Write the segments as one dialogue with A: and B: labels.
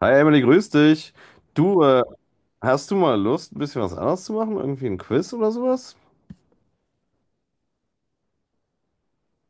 A: Hi Emily, grüß dich. Du, hast du mal Lust, ein bisschen was anderes zu machen? Irgendwie ein Quiz oder sowas?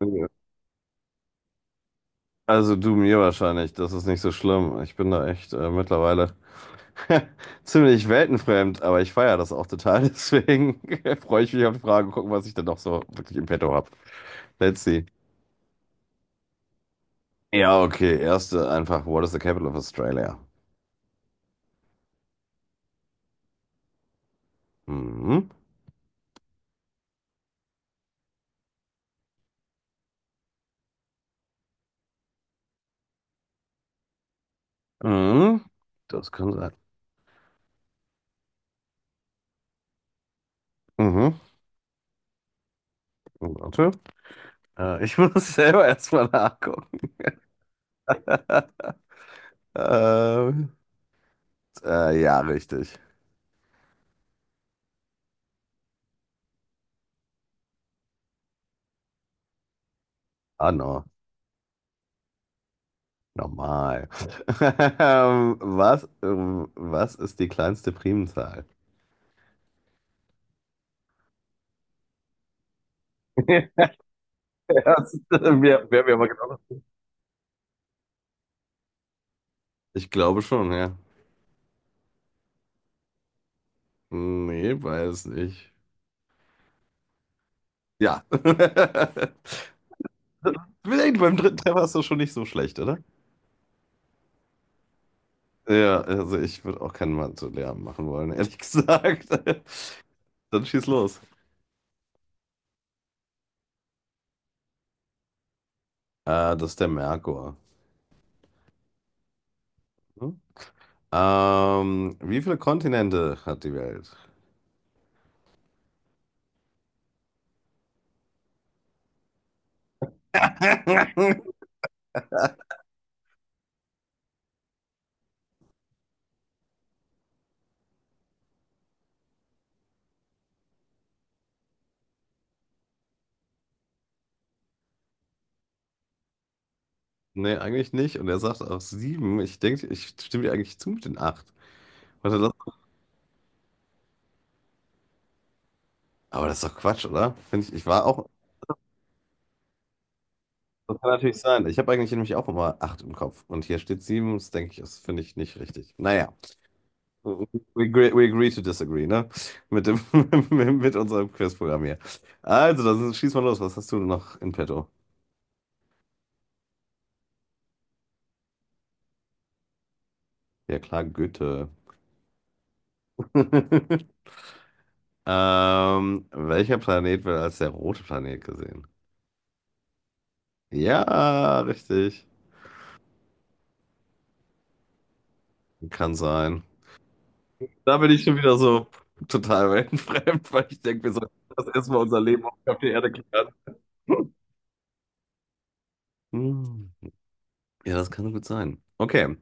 A: Ja. Also du mir wahrscheinlich, das ist nicht so schlimm. Ich bin da echt mittlerweile ziemlich weltenfremd, aber ich feiere das auch total. Deswegen freue ich mich auf die Frage, gucken, was ich dann noch so wirklich im Petto habe. Let's see. Ja, okay. Erste einfach, what is the capital of Australia? Mhm. Mhm. Das kann sein. Mhm. Warte. Ich muss selber erstmal nachgucken. Ähm, ja, richtig. Ah, no. Normal. Was ist die kleinste Primzahl? Das wär mir mal genau. Ich glaube schon, ja. Nee, weiß nicht. Ja. Vielleicht beim dritten Treffer ist das schon nicht so schlecht, oder? Ja, also ich würde auch keinen Mathe-Lehrer machen wollen, ehrlich gesagt. Dann schieß los. Das ist der Merkur. Hm? Wie viele Kontinente hat die Welt? Nee, eigentlich nicht. Und er sagt auch sieben. Ich denke, ich stimme dir eigentlich zu mit den acht. Warte, das, aber das ist doch Quatsch, oder? Finde ich, ich war auch. Das kann natürlich sein. Ich habe eigentlich nämlich auch immer acht im Kopf. Und hier steht sieben. Das denke ich, das finde ich nicht richtig. Naja, we, we agree to disagree, ne? Mit dem, mit unserem Quizprogramm hier. Also, dann schieß mal los. Was hast du noch in petto? Ja, klar, Goethe. Welcher Planet wird als der rote Planet gesehen? Ja, richtig. Kann sein. Da bin ich schon wieder so total weltenfremd, weil ich denke, wir sollten das erstmal unser Leben auf der Erde klären. Hm. Ja, das kann gut sein. Okay,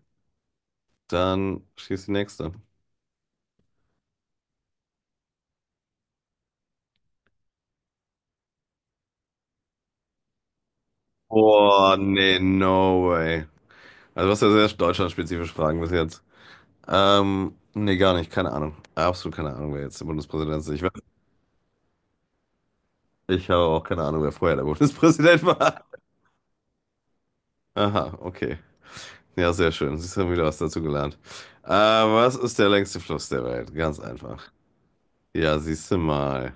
A: dann schießt die nächste. Oh nee, no way. Also, was ja sehr deutschlandspezifisch Fragen bis jetzt. Nee, gar nicht, keine Ahnung. Absolut keine Ahnung, wer jetzt der Bundespräsident ist. Ich weiß, ich habe auch keine Ahnung, wer vorher der Bundespräsident war. Aha, okay. Ja, sehr schön. Siehst du, haben wieder was dazu gelernt. Was ist der längste Fluss der Welt? Ganz einfach. Ja, siehst du mal.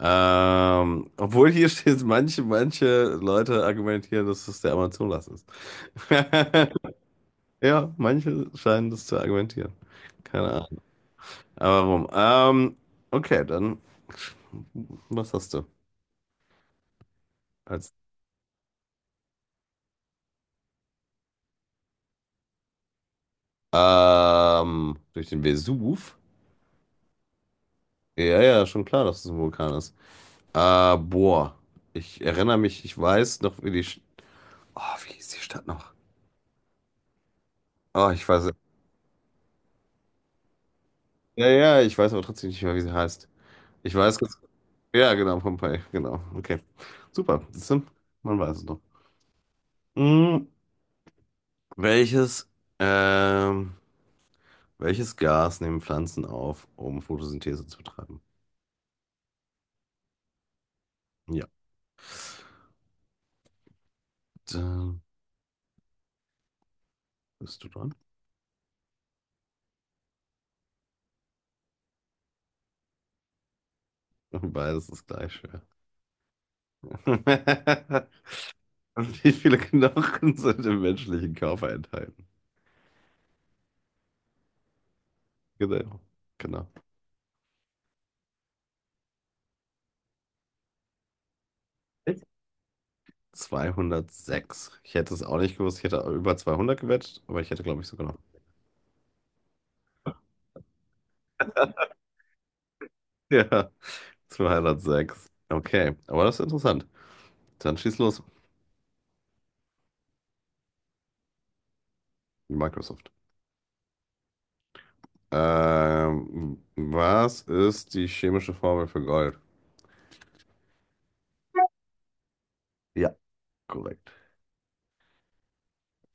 A: Obwohl hier steht, manche Leute argumentieren, dass es der Amazonas ist. Ja, manche scheinen das zu argumentieren. Keine Ahnung. Aber warum? Okay, dann was hast du als durch den Vesuv? Ja, ja, schon klar, dass es ein Vulkan ist. Boah, ich erinnere mich, ich weiß noch, wie die... Oh, wie hieß die Stadt noch? Oh, ich weiß... Ja, ja, ich weiß aber trotzdem nicht mehr, wie sie heißt. Ich weiß ganz... Ja, genau, Pompeii, genau. Okay, super. Siehst du? Man weiß es noch. Hm, welches, ähm, welches Gas nehmen Pflanzen auf, um Photosynthese zu betreiben? Ja. Dann bist du dran. Beides ist gleich schwer. Wie viele Knochen sind im menschlichen Körper enthalten? Genau. Genau. 206. Ich hätte es auch nicht gewusst. Ich hätte über 200 gewettet, aber ich hätte, glaube ich, so genau. Ja, 206. Okay, aber das ist interessant. Dann schieß los. Microsoft. Was ist die chemische Formel für Gold? Ja, korrekt.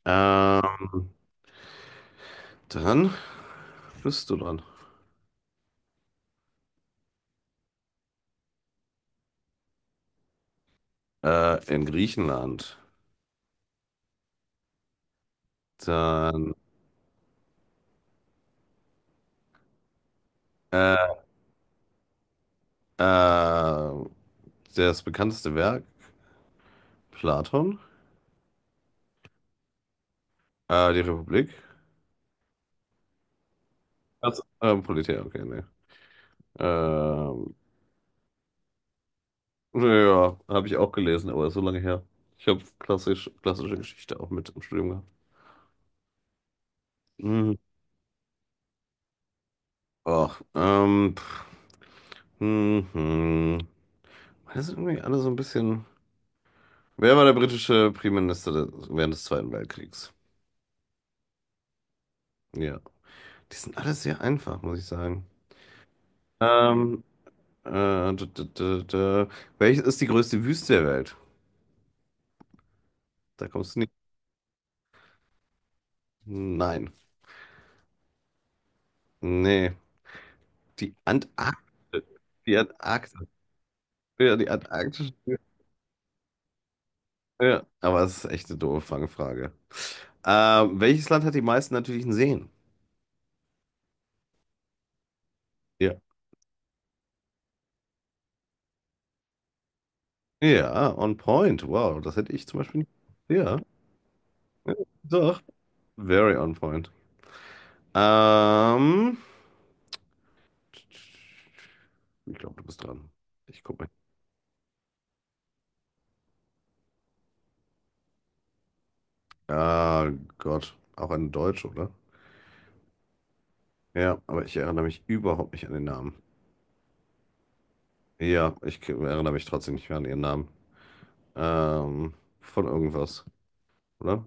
A: Ähm, Dann bist du dran. In Griechenland. Dann, äh, äh, das bekannteste Werk, Platon, die Republik. Also, Politär, okay, nee. Ähm, ja, habe ich auch gelesen, aber ist so lange her. Ich habe klassische Geschichte auch mit im Studium gehabt. Mhm. Ach, pff, mhm. Das sind irgendwie alle so ein bisschen. Wer war der britische Premierminister während des Zweiten Weltkriegs? Ja. Die sind alle sehr einfach, muss ich sagen. Ähm, d -d -d -d Welches ist die größte Wüste der Welt? Da kommst du nicht. Nein. Nee. Die Antarktis. Die Antarktis. Ja, die Antarktis. Ja, aber es ist echt eine doofe Fangfrage. Welches Land hat die meisten natürlichen Seen? Ja. Ja, on point. Wow, das hätte ich zum Beispiel nicht. Ja, ja, doch. Very on point. Ähm, Ich glaube, du bist dran. Ich gucke mal. Ah, Gott. Auch eine Deutsche, oder? Ja, aber ich erinnere mich überhaupt nicht an den Namen. Ja, erinnere mich trotzdem nicht mehr an ihren Namen. Ähm, von irgendwas, oder?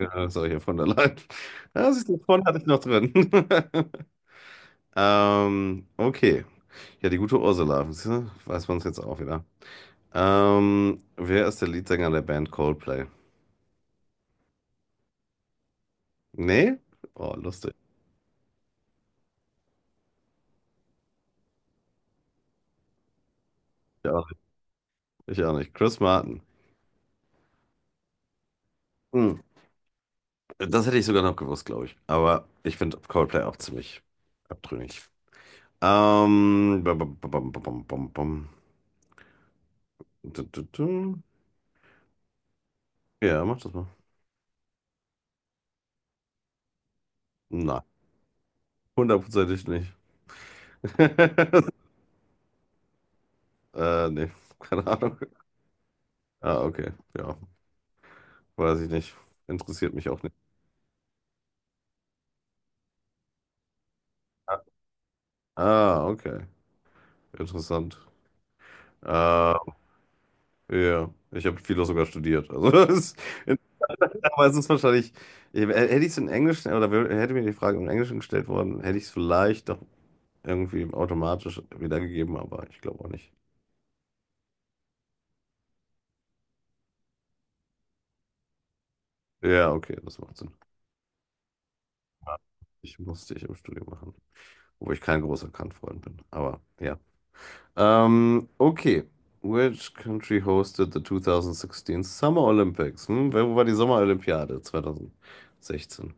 A: Ja, das ich ja von der Leyen. Ja, siehst du, von hatte ich noch drin. Okay. Ja, die gute Ursula. Siehst du, weiß man es jetzt auch wieder. Wer ist der Leadsänger der Band Coldplay? Nee? Oh, lustig. Ich auch nicht. Ich auch nicht. Chris Martin. Hm. Das hätte ich sogar noch gewusst, glaube ich. Aber ich finde Coldplay auch ziemlich abtrünnig. Bam, bam, bam, bam, bam, bam. Bam. Du, du, du. Ja, mach das mal. Nein. Hundertprozentig nicht. Nee, keine Ahnung. Ah, okay. Ja, weiß ich nicht. Interessiert mich auch nicht. Ah, ah, okay. Interessant. Ja, ich habe Philo sogar studiert. Also, das ist, aber es ist wahrscheinlich, hätte ich es in Englisch oder hätte mir die Frage im Englischen gestellt worden, hätte ich es vielleicht doch irgendwie automatisch wiedergegeben, aber ich glaube auch nicht. Ja, okay, das macht Sinn. Ich musste ich im Studium machen, wo ich kein großer Kant-Freund bin. Aber ja. Okay. Which country hosted the 2016 Summer Olympics? Hm? Wo war die Sommerolympiade 2016?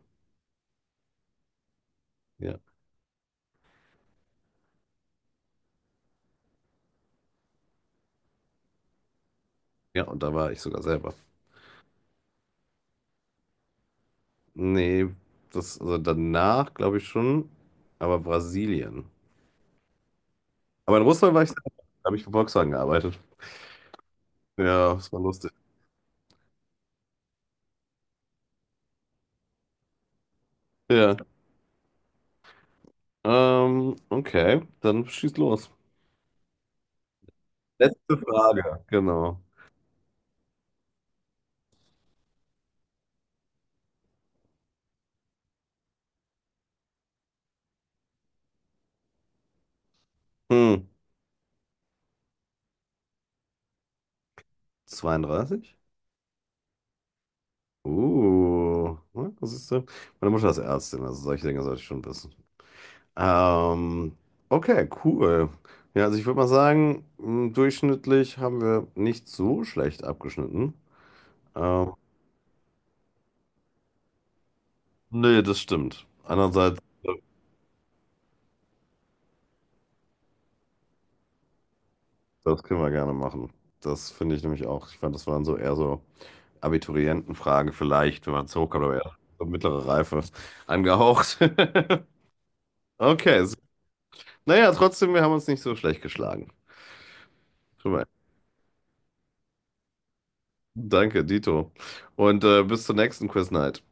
A: Ja. Ja, und da war ich sogar selber. Nee, das, also danach glaube ich schon, aber Brasilien. Aber in Russland war ich selber. Da habe ich für Volkswagen gearbeitet. Ja, das war lustig. Ja. Okay, dann schieß los. Letzte Frage. Genau. Hm. 32? Ne, das ist, meine Mutter ist Ärztin, also solche Dinge sollte ich schon wissen. Ähm, okay, cool. Ja, also ich würde mal sagen, durchschnittlich haben wir nicht so schlecht abgeschnitten. Ähm, Nee, das stimmt. Andererseits, das können wir gerne machen. Das finde ich nämlich auch. Ich fand, das waren so eher so Abiturientenfragen vielleicht, wenn man es hochkommt, aber eher so mittlere Reife angehaucht. Okay, naja, trotzdem, wir haben uns nicht so schlecht geschlagen. Schon mal Danke, Dito. Und bis zur nächsten Quiz Night.